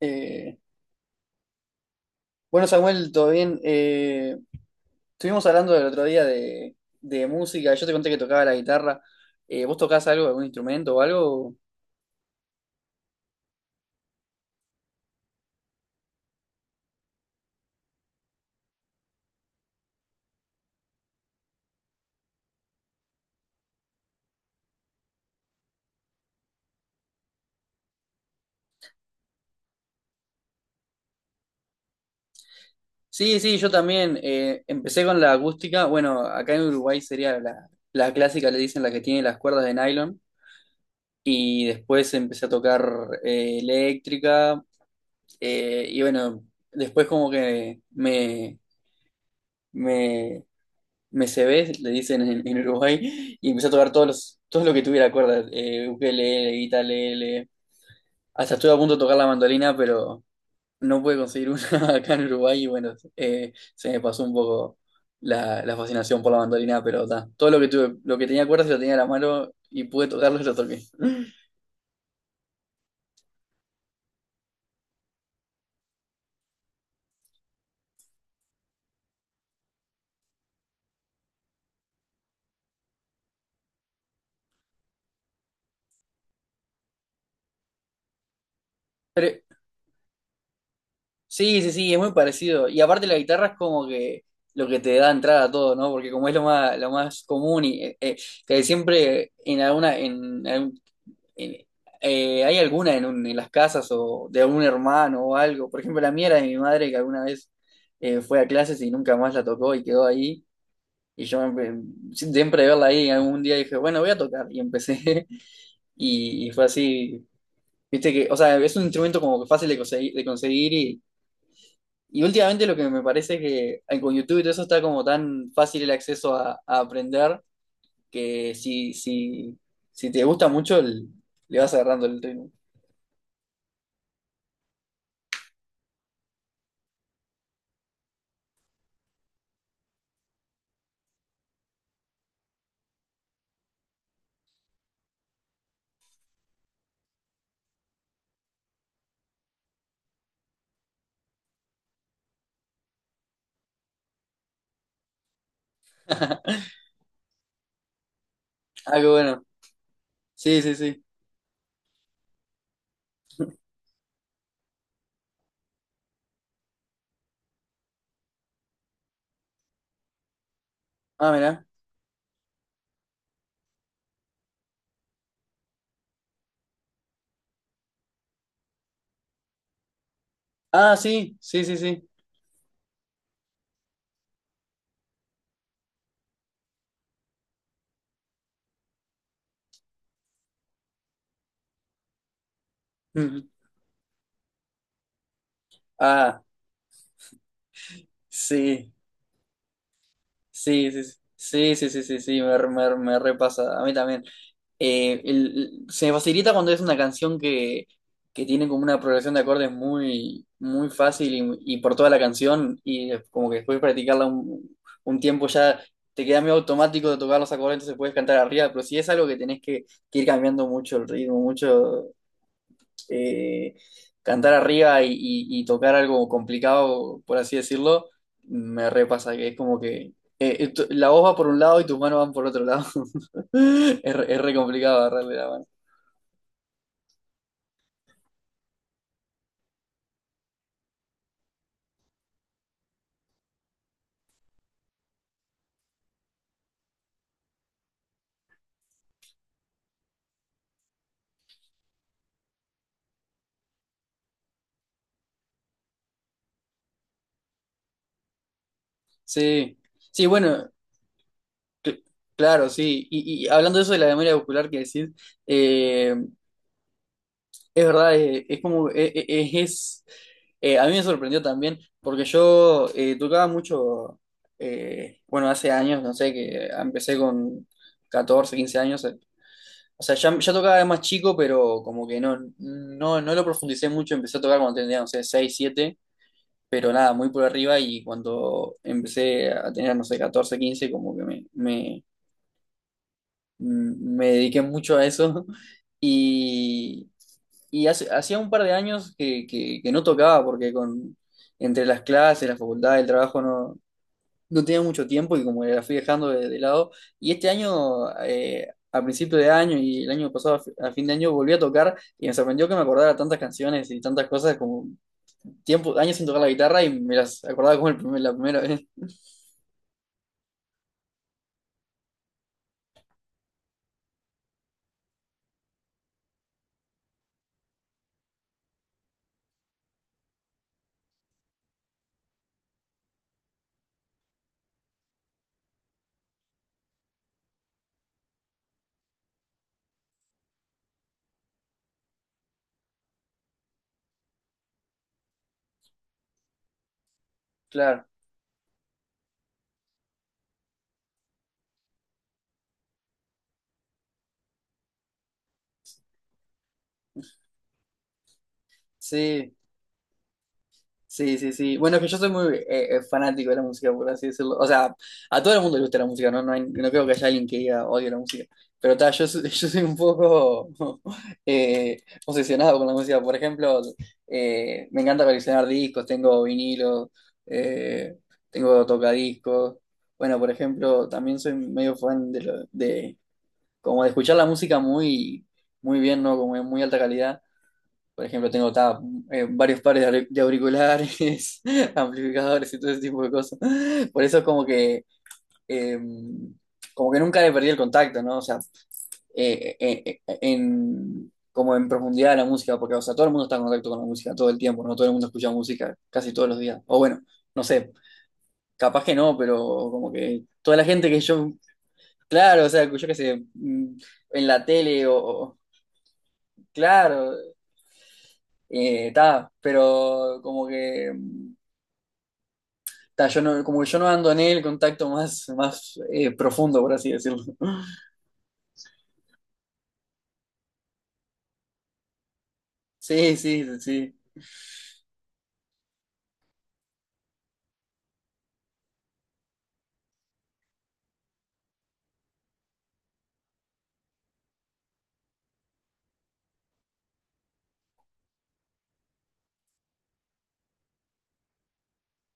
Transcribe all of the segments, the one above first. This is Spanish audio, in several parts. Eh, bueno, Samuel, todo bien. Estuvimos hablando el otro día de música. Yo te conté que tocaba la guitarra. ¿Vos tocás algo, algún instrumento o algo? Sí, sí, yo también. Empecé con la acústica. Bueno, acá en Uruguay sería la clásica, le dicen la que tiene las cuerdas de nylon. Y después empecé a tocar eléctrica. Y bueno, después como que me, me me cebé, le dicen en Uruguay, y empecé a tocar todo lo que tuviera cuerdas, ukelele, guitarra, hasta estuve a punto de tocar la mandolina, pero no pude conseguir una acá en Uruguay, y bueno, se me pasó un poco la fascinación por la mandolina, pero ta, todo lo que tuve, lo que tenía cuerdas lo tenía en la mano, y pude tocarlo y lo toqué. Pero, sí, sí, sí, es muy parecido, y aparte la guitarra es como que lo que te da entrada a todo, ¿no? Porque como es lo más común y que siempre en alguna, en algún en- ¿hay alguna en las casas o de algún hermano o algo? Por ejemplo, la mía era de mi madre que alguna vez fue a clases y nunca más la tocó y quedó ahí. Y yo siempre de verla ahí, algún día dije, bueno, voy a tocar. Y empecé y fue así. Viste que, o sea, es un instrumento como que fácil de conseguir y últimamente lo que me parece es que con YouTube y todo eso está como tan fácil el acceso a aprender que si te gusta mucho, le vas agarrando el ritmo. Ah, qué bueno. Sí, sí, sí. Ah, mira. Ah, sí, sí, sí, sí. Ah, sí, sí, sí, sí, sí, sí, sí, sí, sí, me repasa. A mí también. Se me facilita cuando es una canción que tiene como una progresión de acordes muy, muy fácil y por toda la canción y es como que después de practicarla un tiempo ya te queda medio automático de tocar los acordes, entonces puedes cantar arriba, pero si es algo que tenés que ir cambiando mucho el ritmo, eh, cantar arriba y tocar algo complicado, por así decirlo, me repasa que es como que la voz va por un lado y tus manos van por otro lado. Es re complicado agarrarle la mano. Sí, sí, bueno, cl- claro, sí. Y hablando de eso de la memoria muscular que decís, eh, Es verdad, como, a mí me sorprendió también, porque yo tocaba mucho, bueno, hace años, no sé, que empecé con 14 15 años, o sea, ya tocaba de más chico, pero como que no lo profundicé mucho, empecé a tocar cuando tenía, no sé, 6 7 pero nada, muy por arriba, y cuando empecé a tener, no sé, 14 15 como que me dediqué mucho a eso y, hacía un par de años que no tocaba porque entre las clases, la facultad, el trabajo no tenía mucho tiempo y como que la fui dejando de lado. Y este año, a principio de año y el año pasado a fin de año, volví a tocar y me sorprendió que me acordara tantas canciones y tantas cosas como tiempo, años sin tocar la guitarra y me las acordaba como la primera vez. Claro, sí. Sí, sí, sí. Bueno, es que yo soy muy fanático de la música, por así decirlo. O sea, a todo el mundo le gusta la música, ¿no? No, no creo que haya alguien que diga odio la música. Pero ta, yo soy un poco eh, obsesionado con la música. Por ejemplo, me encanta coleccionar discos, tengo vinilos, eh, tengo tocadiscos. Bueno, por ejemplo, también soy medio fan de como de escuchar la música muy, muy bien, ¿no? Como en muy alta calidad. Por ejemplo, tengo ta, varios pares de auriculares, amplificadores y todo ese tipo de cosas. Por eso es eh, como que nunca le perdí el contacto, ¿no? O sea, como en profundidad de la música, porque, o sea, todo el mundo está en contacto con la música todo el tiempo, ¿no? Todo el mundo escucha música casi todos los días. O bueno, no sé, capaz que no, pero como que toda la gente que yo, claro, o sea, yo qué sé, en la tele claro, ta, pero como que... Ta, yo no, como que yo no ando en el contacto más, más profundo, por así decirlo. Sí, sí, sí.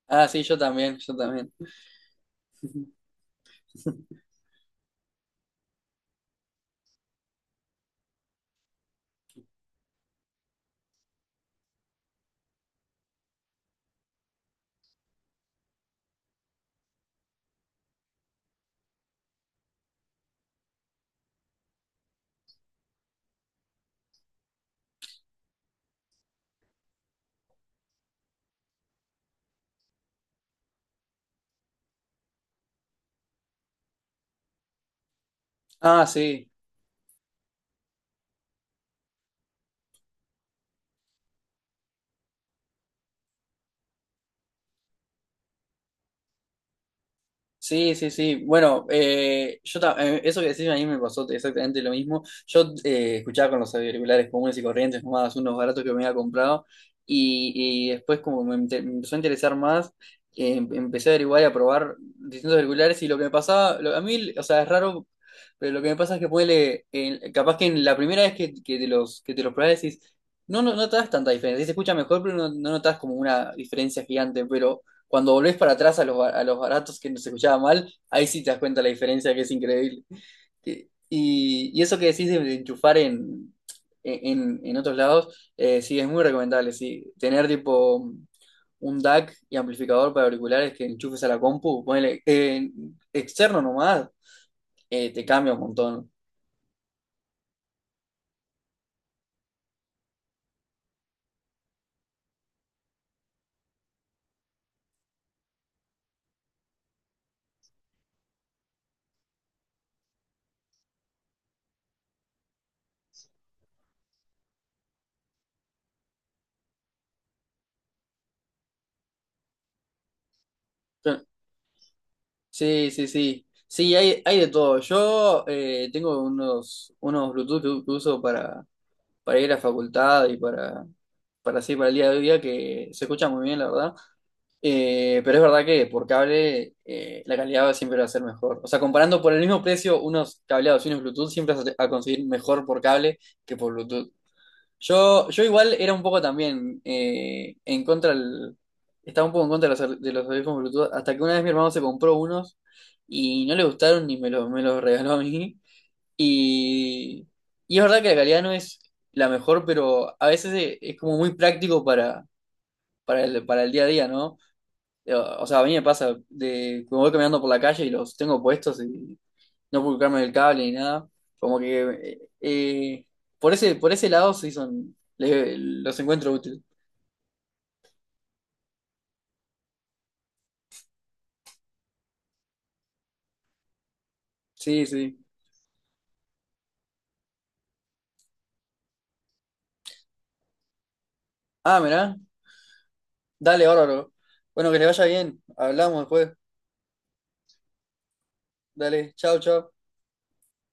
Ah, sí, yo también, yo también. Ah, sí. Sí, sí, sí. Bueno, eso que decís a mí me pasó exactamente lo mismo. Yo escuchaba con los auriculares comunes y corrientes, nomás unos baratos que me había comprado, y después me empezó a interesar más, empecé a averiguar y a probar distintos auriculares y lo que me pasaba, a mí, o sea, es raro, pero lo que me pasa es que puede, capaz que en la primera vez que que te los probás decís, no notas tanta diferencia. Sí se escucha mejor, pero no notas como una diferencia gigante, cuando volvés para atrás a los baratos que nos escuchaba mal, ahí sí te das cuenta la diferencia que es increíble. Y, y eso que decís de enchufar en otros lados, sí, es muy recomendable, sí. Tener tipo un DAC y amplificador para auriculares que enchufes a la compu, ponele, externo nomás, te cambia un montón. Sí, sí, sí. Sí, hay de todo. Yo tengo unos Bluetooth que uso para ir a la facultad para así, para el día a día, que se escucha muy bien, la verdad. Pero es verdad que por cable la calidad siempre va a ser mejor. O sea, comparando por el mismo precio, unos cableados y unos Bluetooth, siempre vas a conseguir mejor por cable que por Bluetooth. Yo igual era un poco también estaba un poco en contra de los audífonos Bluetooth, hasta que una vez mi hermano se compró unos y no le gustaron ni me los regaló a mí. Y, y es verdad que la calidad no es la mejor, pero a veces es como muy práctico para el día a día, ¿no? O sea, a mí me pasa de que me voy caminando por la calle y los tengo puestos y no puedo colocarme el cable ni nada. Como que por ese lado sí los encuentro útiles. Sí, sí. Ah, mirá. Dale, bárbaro. Bueno, que le vaya bien. Hablamos después. Dale, chao, chao.